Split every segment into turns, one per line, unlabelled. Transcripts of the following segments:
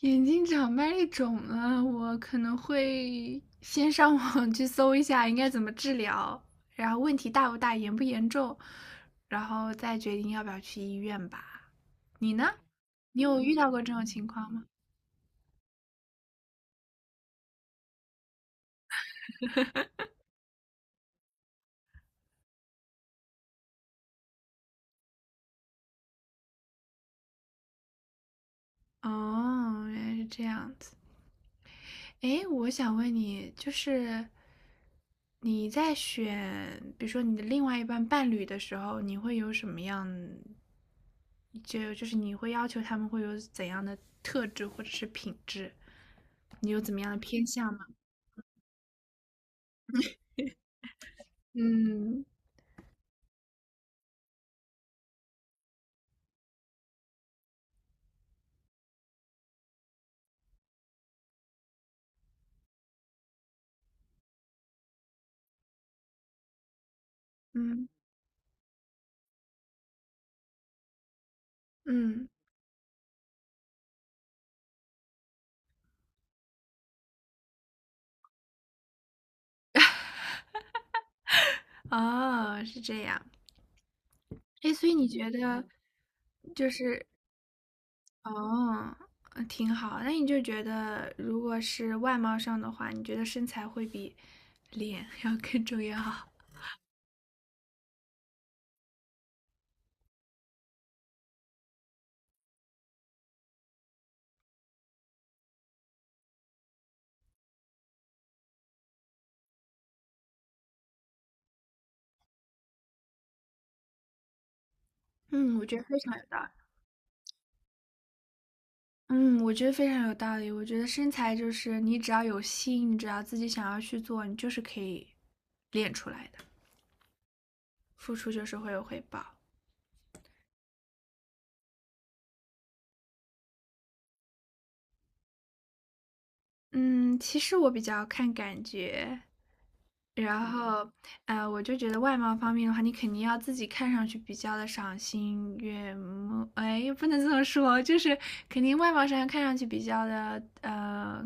眼睛长麦粒肿了，我可能会先上网 去搜一下应该怎么治疗，然后问题大不大，严不严重，然后再决定要不要去医院吧。你呢？你有遇到过这种情况吗？哦，原来是这样子。诶，我想问你，就是你在选，比如说你的另外一半伴侣的时候，你会有什么样，就是你会要求他们会有怎样的特质或者是品质？你有怎么样的偏向吗？嗯嗯嗯，哦，是这样。诶，所以你觉得，就是哦，挺好。那你就觉得，如果是外貌上的话，你觉得身材会比脸 要更重要？嗯，我觉得非常有道理。嗯，我觉得非常有道理。我觉得身材就是你只要有心，你只要自己想要去做，你就是可以练出来的。付出就是会有回报。嗯，其实我比较看感觉。然后，我就觉得外貌方面的话，你肯定要自己看上去比较的赏心悦目，哎，也不能这么说，就是肯定外貌上看上去比较的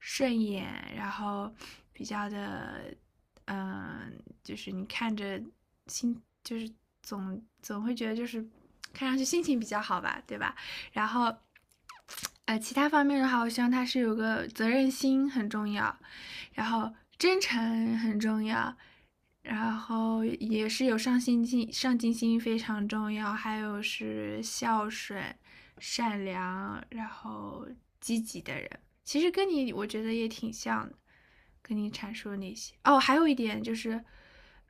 顺眼，然后比较的，嗯、就是你看着心，就是总会觉得就是看上去心情比较好吧，对吧？然后，其他方面的话，我希望他是有个责任心很重要，然后真诚很重要，然后也是有上进心，上进心非常重要，还有是孝顺、善良，然后积极的人。其实跟你我觉得也挺像的，跟你阐述那些。哦，还有一点就是，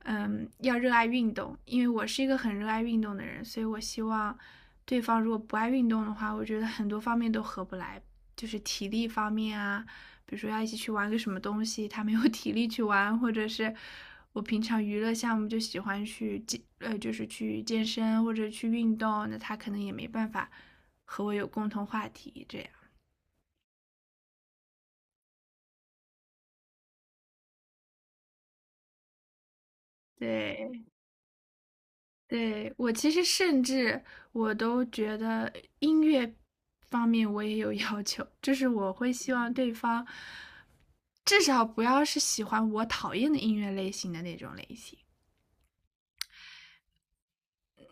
嗯，要热爱运动，因为我是一个很热爱运动的人，所以我希望对方如果不爱运动的话，我觉得很多方面都合不来，就是体力方面啊，比如说要一起去玩个什么东西，他没有 体力去玩，或者是我平常娱乐项目就喜欢去健，就是去健身或者去运动，那他可能也没办法和我有共同话题，这样。对，对，我其实甚至我都觉得音乐方面我也有 要求，就是我会希望对方至少不要是喜欢我讨厌的音乐类型的那种类型。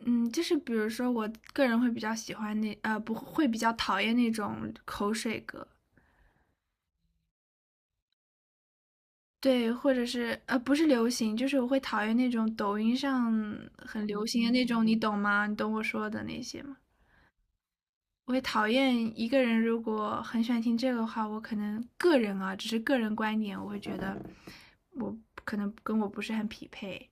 嗯，就是比如说，我个人会比较喜欢那不会比较讨厌那种口水歌，对，或者是不是流行，就是我会讨厌那种抖音上很流行的那种，你懂吗？你懂我说的那些吗？我会讨厌一个人如果很喜欢听这个的话，我可能个人啊，只是个人观点，我会觉得我可能跟我不是很匹配，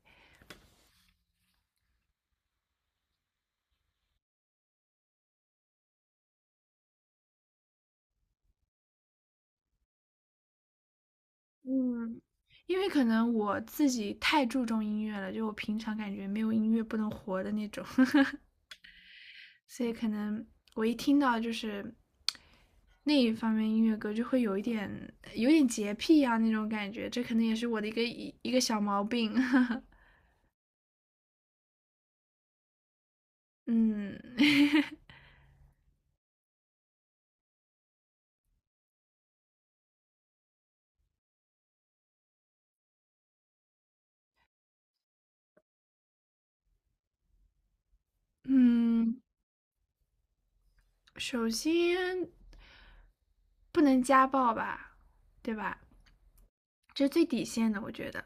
嗯因为可能我自己太注重音乐了，就我平常感觉没有音乐不能活的那种。所以可能我一听到就是那一方面音乐歌，就会有一点洁癖啊那种感觉，这可能也是我的一个小毛病。嗯嗯，首先不能家暴吧，对吧？这是最底线的，我觉得。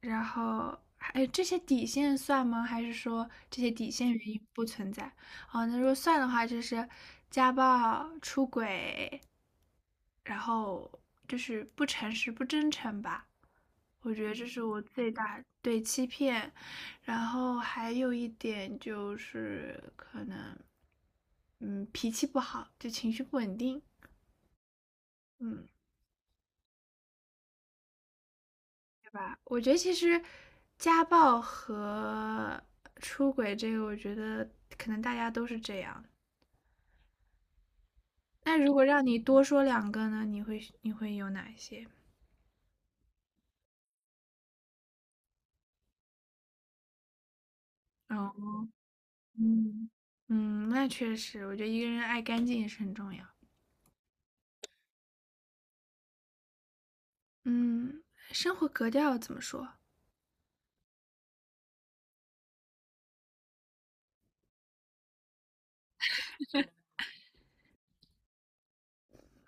然后，哎，这些底线算吗？还是说这些底线原因不存在？哦，那如果算的话，就是家暴、出轨，然后就是不诚实、不真诚吧。我觉得这是我最大对欺骗，然后还有一点就是可能，嗯，脾气不好，就情绪不稳定，嗯，对吧？我觉得其实家暴和出轨这个，我觉得可能大家都是这样。那如果让你多说两个呢，你会有哪些？嗯嗯嗯，那确实，我觉得一个人爱干净也是很重要。嗯，生活格调怎么说？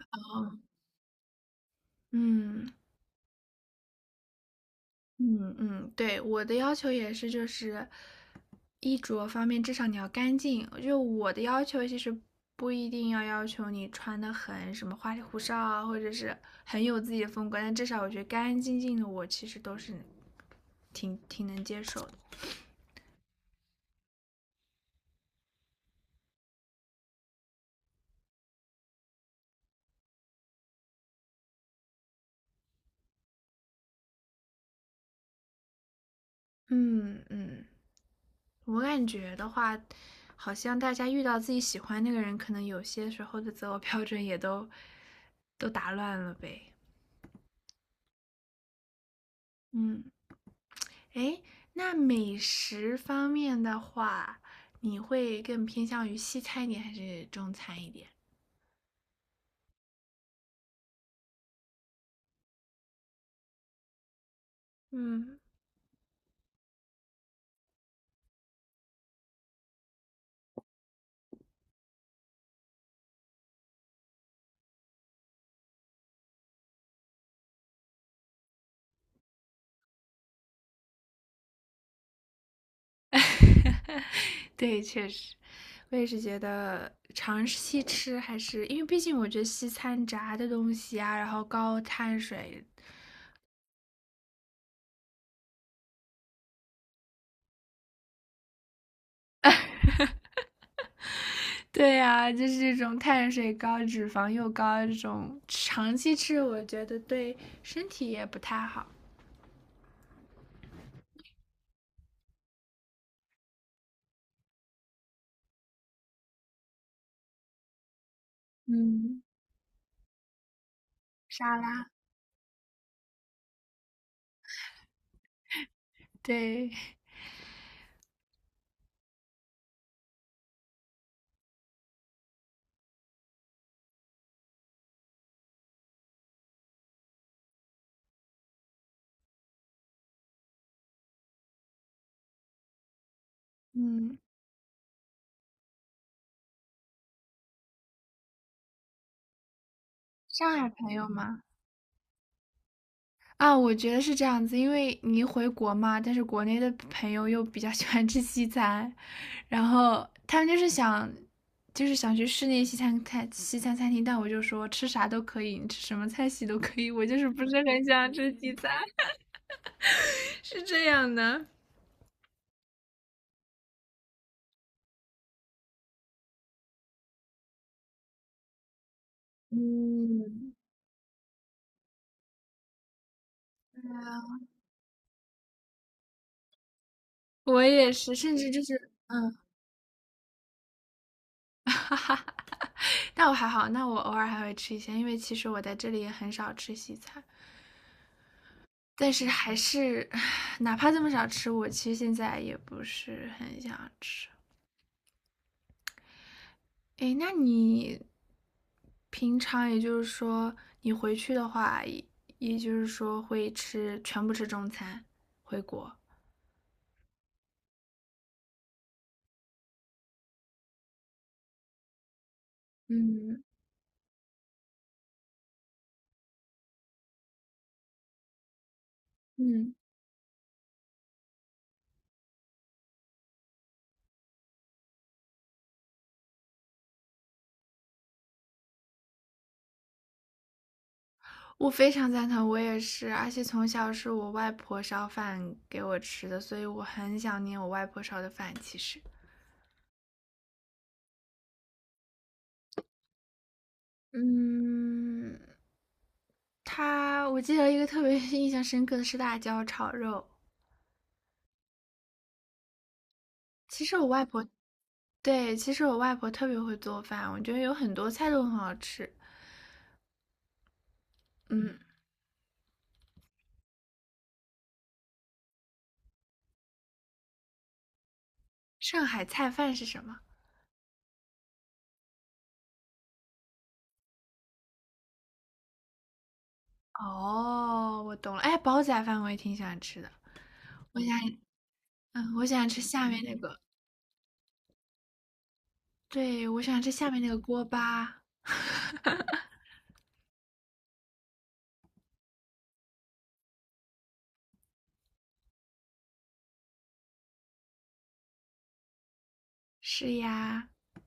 哦。嗯，嗯。嗯，对，我的要求也是就是衣着方面，至少你要干净。就我的要求其实不一定要要求你穿的很什么花里胡哨啊，或者是很有自己的风格，但至少我觉得干干净净的，我其实都是挺能接受的。嗯，嗯。我感觉的话，好像大家遇到自己喜欢那个人，可能有些时候的择偶标准也都打乱了呗。嗯，诶，那美食方面的话，你会更偏向于西餐一点还是中餐一点？嗯，对，确实，我也是觉得尝西吃还是因为毕竟我觉得西餐炸的东西啊，然后高碳水对呀、就是这种碳水高、脂肪又高，这种长期吃，我觉得对身体也不太好。嗯，沙拉，对，嗯，上海朋友嘛，啊，我觉得是这样子，因为你回国嘛，但是国内的朋友又比较喜欢吃西餐，然后他们就是想，就是想去室内西餐餐厅，但我就说吃啥都可以，你吃什么菜系都可以，我就是不是很想吃西餐，是这样的。嗯，我也是，甚至就是，嗯，但我还好，那我偶尔还会吃一些，因为其实我在这里也很少吃西餐，但是还是，哪怕这么少吃，我其实现在也不是很想吃。诶，那你平常也就是说，你回去的话，也就是说会吃，全部吃中餐，回国。嗯嗯。我非常赞同，我也是，而且从小是我外婆烧饭给我吃的，所以我很想念我外婆烧的饭。其实，嗯，她我记得一个特别 印象深刻的是辣椒炒肉。其实我外婆，对，其实我外婆特别会做饭，我觉得有很多菜都很好吃。嗯，上海菜饭是什么？哦，我懂了。哎，煲仔饭我也挺喜欢吃的，我想，嗯，我想吃下面那个，对，我想吃下面那个锅巴。是呀